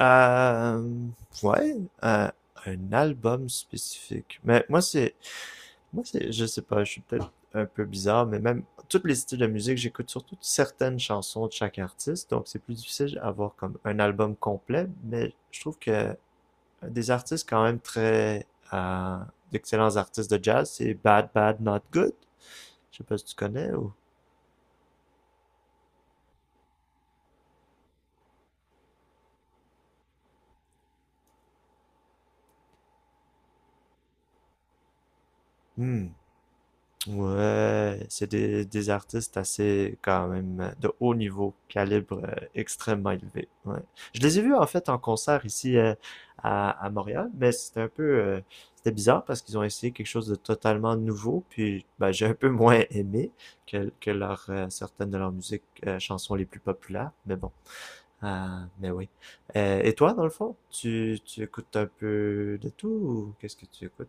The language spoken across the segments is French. Euh, ouais, euh, un album spécifique. Mais moi, c'est, je sais pas, je suis peut-être un peu bizarre, mais même tous les styles de musique, j'écoute surtout certaines chansons de chaque artiste, donc c'est plus difficile d'avoir comme un album complet, mais je trouve que des artistes quand même très, euh, d'excellents artistes de jazz, c'est Bad Bad Not Good. Je sais pas si tu connais ou. Hmm. Ouais, c'est des artistes assez, quand même, de haut niveau, calibre extrêmement élevé. Ouais. Je les ai vus, en fait, en concert ici, à Montréal, mais c'était un peu, c'était bizarre parce qu'ils ont essayé quelque chose de totalement nouveau, puis ben, j'ai un peu moins aimé que leur, certaines de leurs musiques, chansons les plus populaires, mais bon. Ah, mais oui. Et toi, dans le fond, tu écoutes un peu de tout ou qu'est-ce que tu écoutes?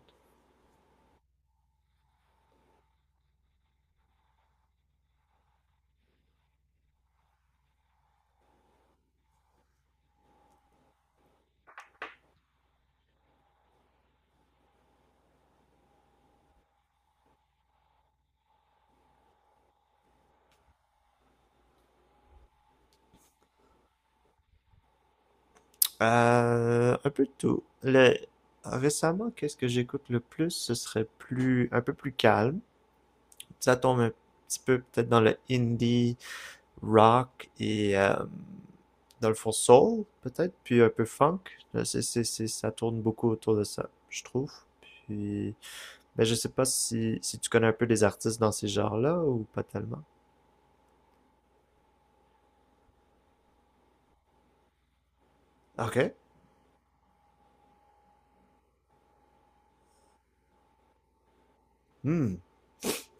Un peu de tout. Le... Récemment, qu'est-ce que j'écoute le plus? Ce serait plus un peu plus calme. Ça tombe un petit peu peut-être dans le indie rock et dans le fond soul peut-être, puis un peu funk. C'est, ça tourne beaucoup autour de ça, je trouve. Puis, ben je sais pas si, si tu connais un peu des artistes dans ces genres-là ou pas tellement. Ok. Hmm.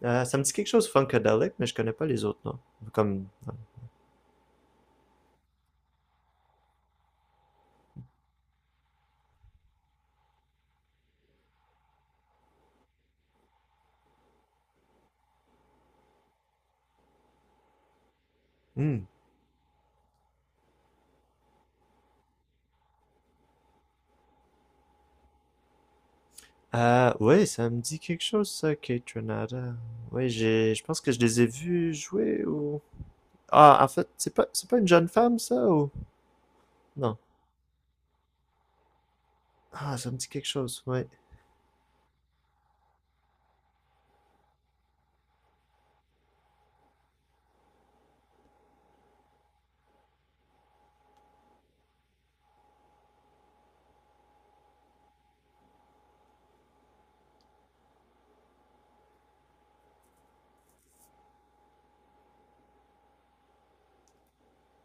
Ça me dit quelque chose funkadelic, mais je connais pas les autres noms. Comme. Ouais. Hmm. Ah oui, ça me dit quelque chose ça, Kate Renata. Oui, j'ai, je pense que je les ai vus jouer ou. Ah, en fait, c'est pas une jeune femme ça ou non? Ah, ça me dit quelque chose, ouais.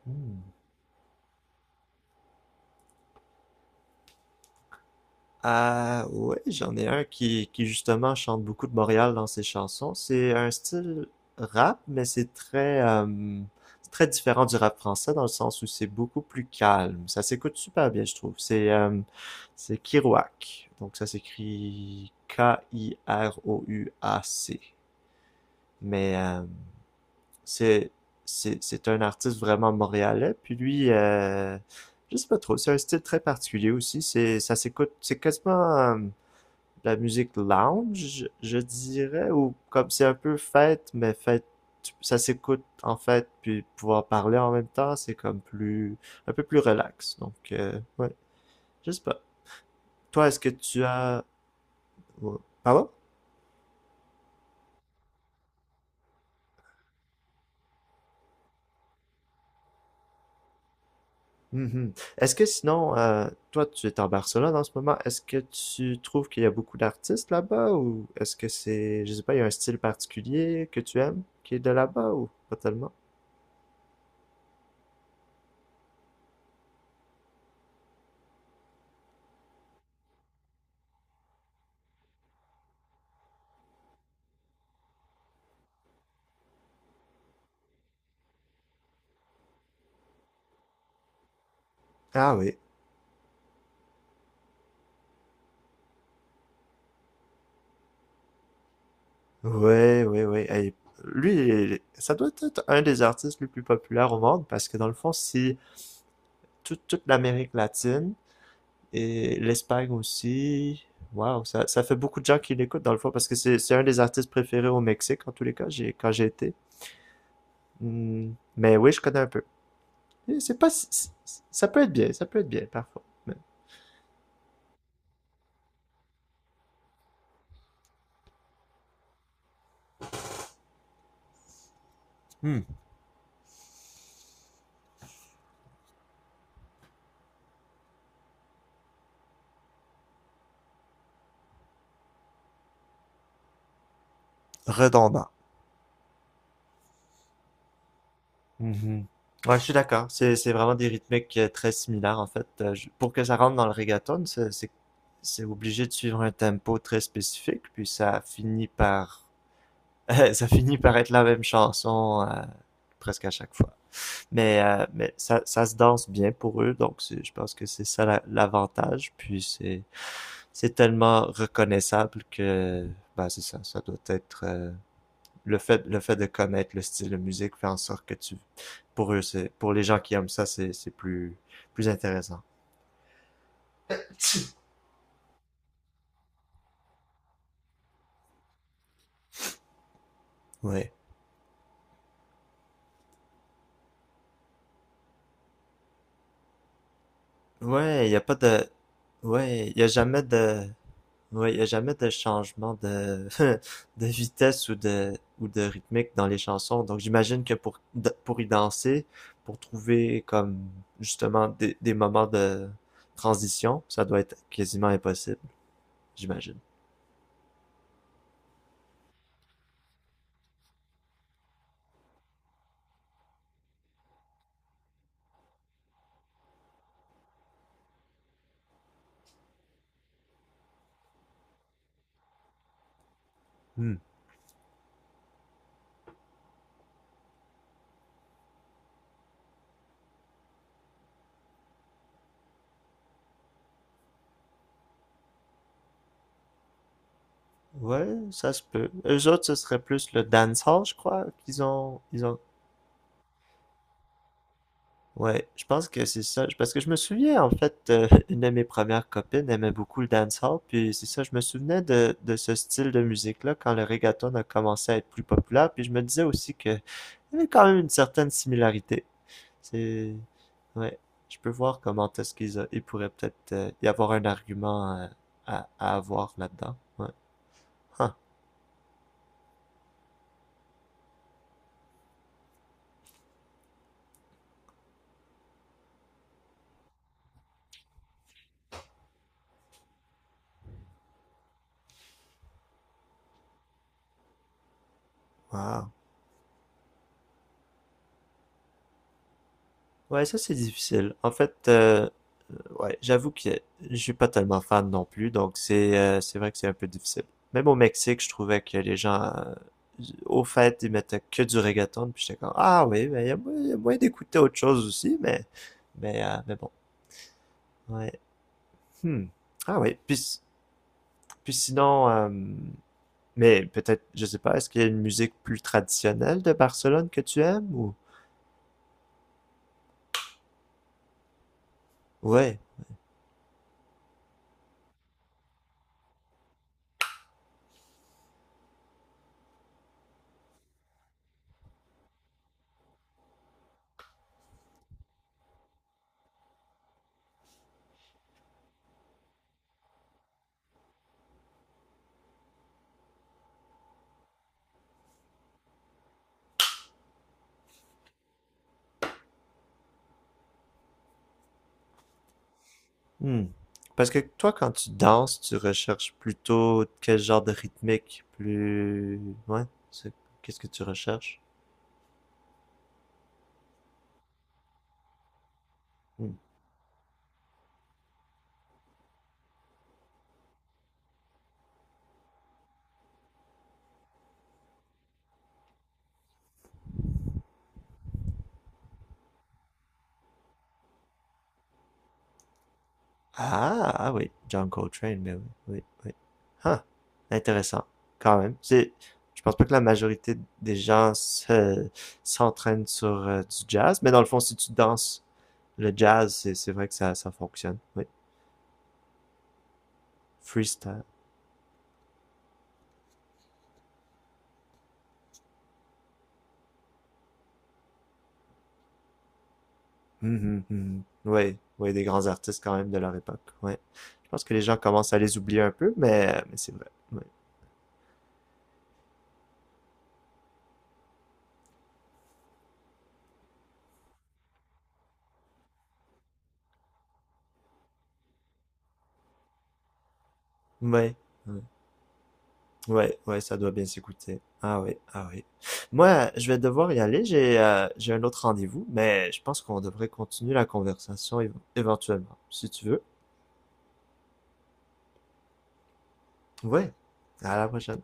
Hmm. Ah ouais, j'en ai un qui justement chante beaucoup de Montréal dans ses chansons. C'est un style rap, mais c'est très, c'est très différent du rap français dans le sens où c'est beaucoup plus calme. Ça s'écoute super bien, je trouve. C'est Kirouac. Donc ça s'écrit K-I-R-O-U-A-C. Mais c'est c'est un artiste vraiment montréalais. Puis lui, je sais pas trop. C'est un style très particulier aussi. C'est ça s'écoute. C'est quasiment la musique lounge, je dirais, ou comme c'est un peu fête, mais fête, ça s'écoute en fait, puis pouvoir parler en même temps, c'est comme plus, un peu plus relax. Donc, ouais, je sais pas. Toi, est-ce que tu as... ouais. Pardon? Mhm. Est-ce que sinon, toi, tu es en Barcelone en ce moment, est-ce que tu trouves qu'il y a beaucoup d'artistes là-bas, ou est-ce que c'est, je sais pas, il y a un style particulier que tu aimes qui est de là-bas, ou pas tellement? Ah oui. Ouais, ouais, ouais. Hey, lui, ça doit être un des artistes les plus populaires au monde parce que dans le fond, si toute l'Amérique latine et l'Espagne aussi, waouh, ça fait beaucoup de gens qui l'écoutent dans le fond parce que c'est un des artistes préférés au Mexique en tous les cas, j'ai, quand j'ai été. Hmm, mais oui, je connais un peu. Et c'est pas, ça peut être bien, ça peut être bien parfois. Mais redondant. Mhm. Ouais, je suis d'accord. C'est vraiment des rythmiques très similaires, en fait. Pour que ça rentre dans le reggaeton, c'est obligé de suivre un tempo très spécifique, puis ça finit par, ça finit par être la même chanson, presque à chaque fois. Mais ça, ça se danse bien pour eux, donc je pense que c'est ça l'avantage. Puis c'est tellement reconnaissable que, bah, c'est ça, ça doit être le fait de connaître le style de musique fait en sorte que tu, pour eux, c'est, pour les gens qui aiment ça, c'est plus, plus intéressant. Ouais. Ouais, y a pas de, ouais, y a jamais de, ouais, y a jamais de changement de, de vitesse ou de rythmique dans les chansons. Donc, j'imagine que pour y danser, pour trouver comme, justement, des moments de transition, ça doit être quasiment impossible, j'imagine. Hmm. Ouais, ça se peut. Eux autres, ce serait plus le dancehall, je crois, qu'ils ont, ils ont. Ouais, je pense que c'est ça. Parce que je me souviens, en fait, une de mes premières copines aimait beaucoup le dancehall, puis c'est ça, je me souvenais de ce style de musique-là quand le reggaeton a commencé à être plus populaire, puis je me disais aussi que il y avait quand même une certaine similarité. C'est, ouais, je peux voir comment est-ce qu'ils a... il pourrait peut-être y avoir un argument à avoir là-dedans. Ouais. Huh. Wow. Ouais, ça c'est difficile. En fait, ouais, j'avoue que je suis pas tellement fan non plus, donc c'est vrai que c'est un peu difficile. Même au Mexique, je trouvais que les gens, au fait, ils mettaient que du reggaeton, puis j'étais comme, ah oui, mais il y a, il y a moyen d'écouter autre chose aussi, mais bon, ouais. Hmm. Ah oui, puis sinon, mais peut-être, je sais pas, est-ce qu'il y a une musique plus traditionnelle de Barcelone que tu aimes ou? Ouais. Hmm. Parce que toi, quand tu danses, tu recherches plutôt quel genre de rythmique, plus... Ouais, c'est- qu'est-ce que tu recherches? Hmm. Ah, ah oui, John Coltrane, mais oui, oui, oui. Ah, intéressant, quand même. C'est, je pense pas que la majorité des gens se, s'entraînent sur du jazz, mais dans le fond, si tu danses le jazz, c'est vrai que ça fonctionne, oui. Freestyle. Mhm, mhm. Ouais, ouais, des grands artistes quand même de leur époque. Ouais. Je pense que les gens commencent à les oublier un peu, mais c'est vrai. Ouais. Ouais. Ouais, ouais, ouais, ça doit bien s'écouter. Ah oui, ah oui. Moi, je vais devoir y aller. J'ai un autre rendez-vous, mais je pense qu'on devrait continuer la conversation éventuellement, si tu veux. Ouais. À la prochaine.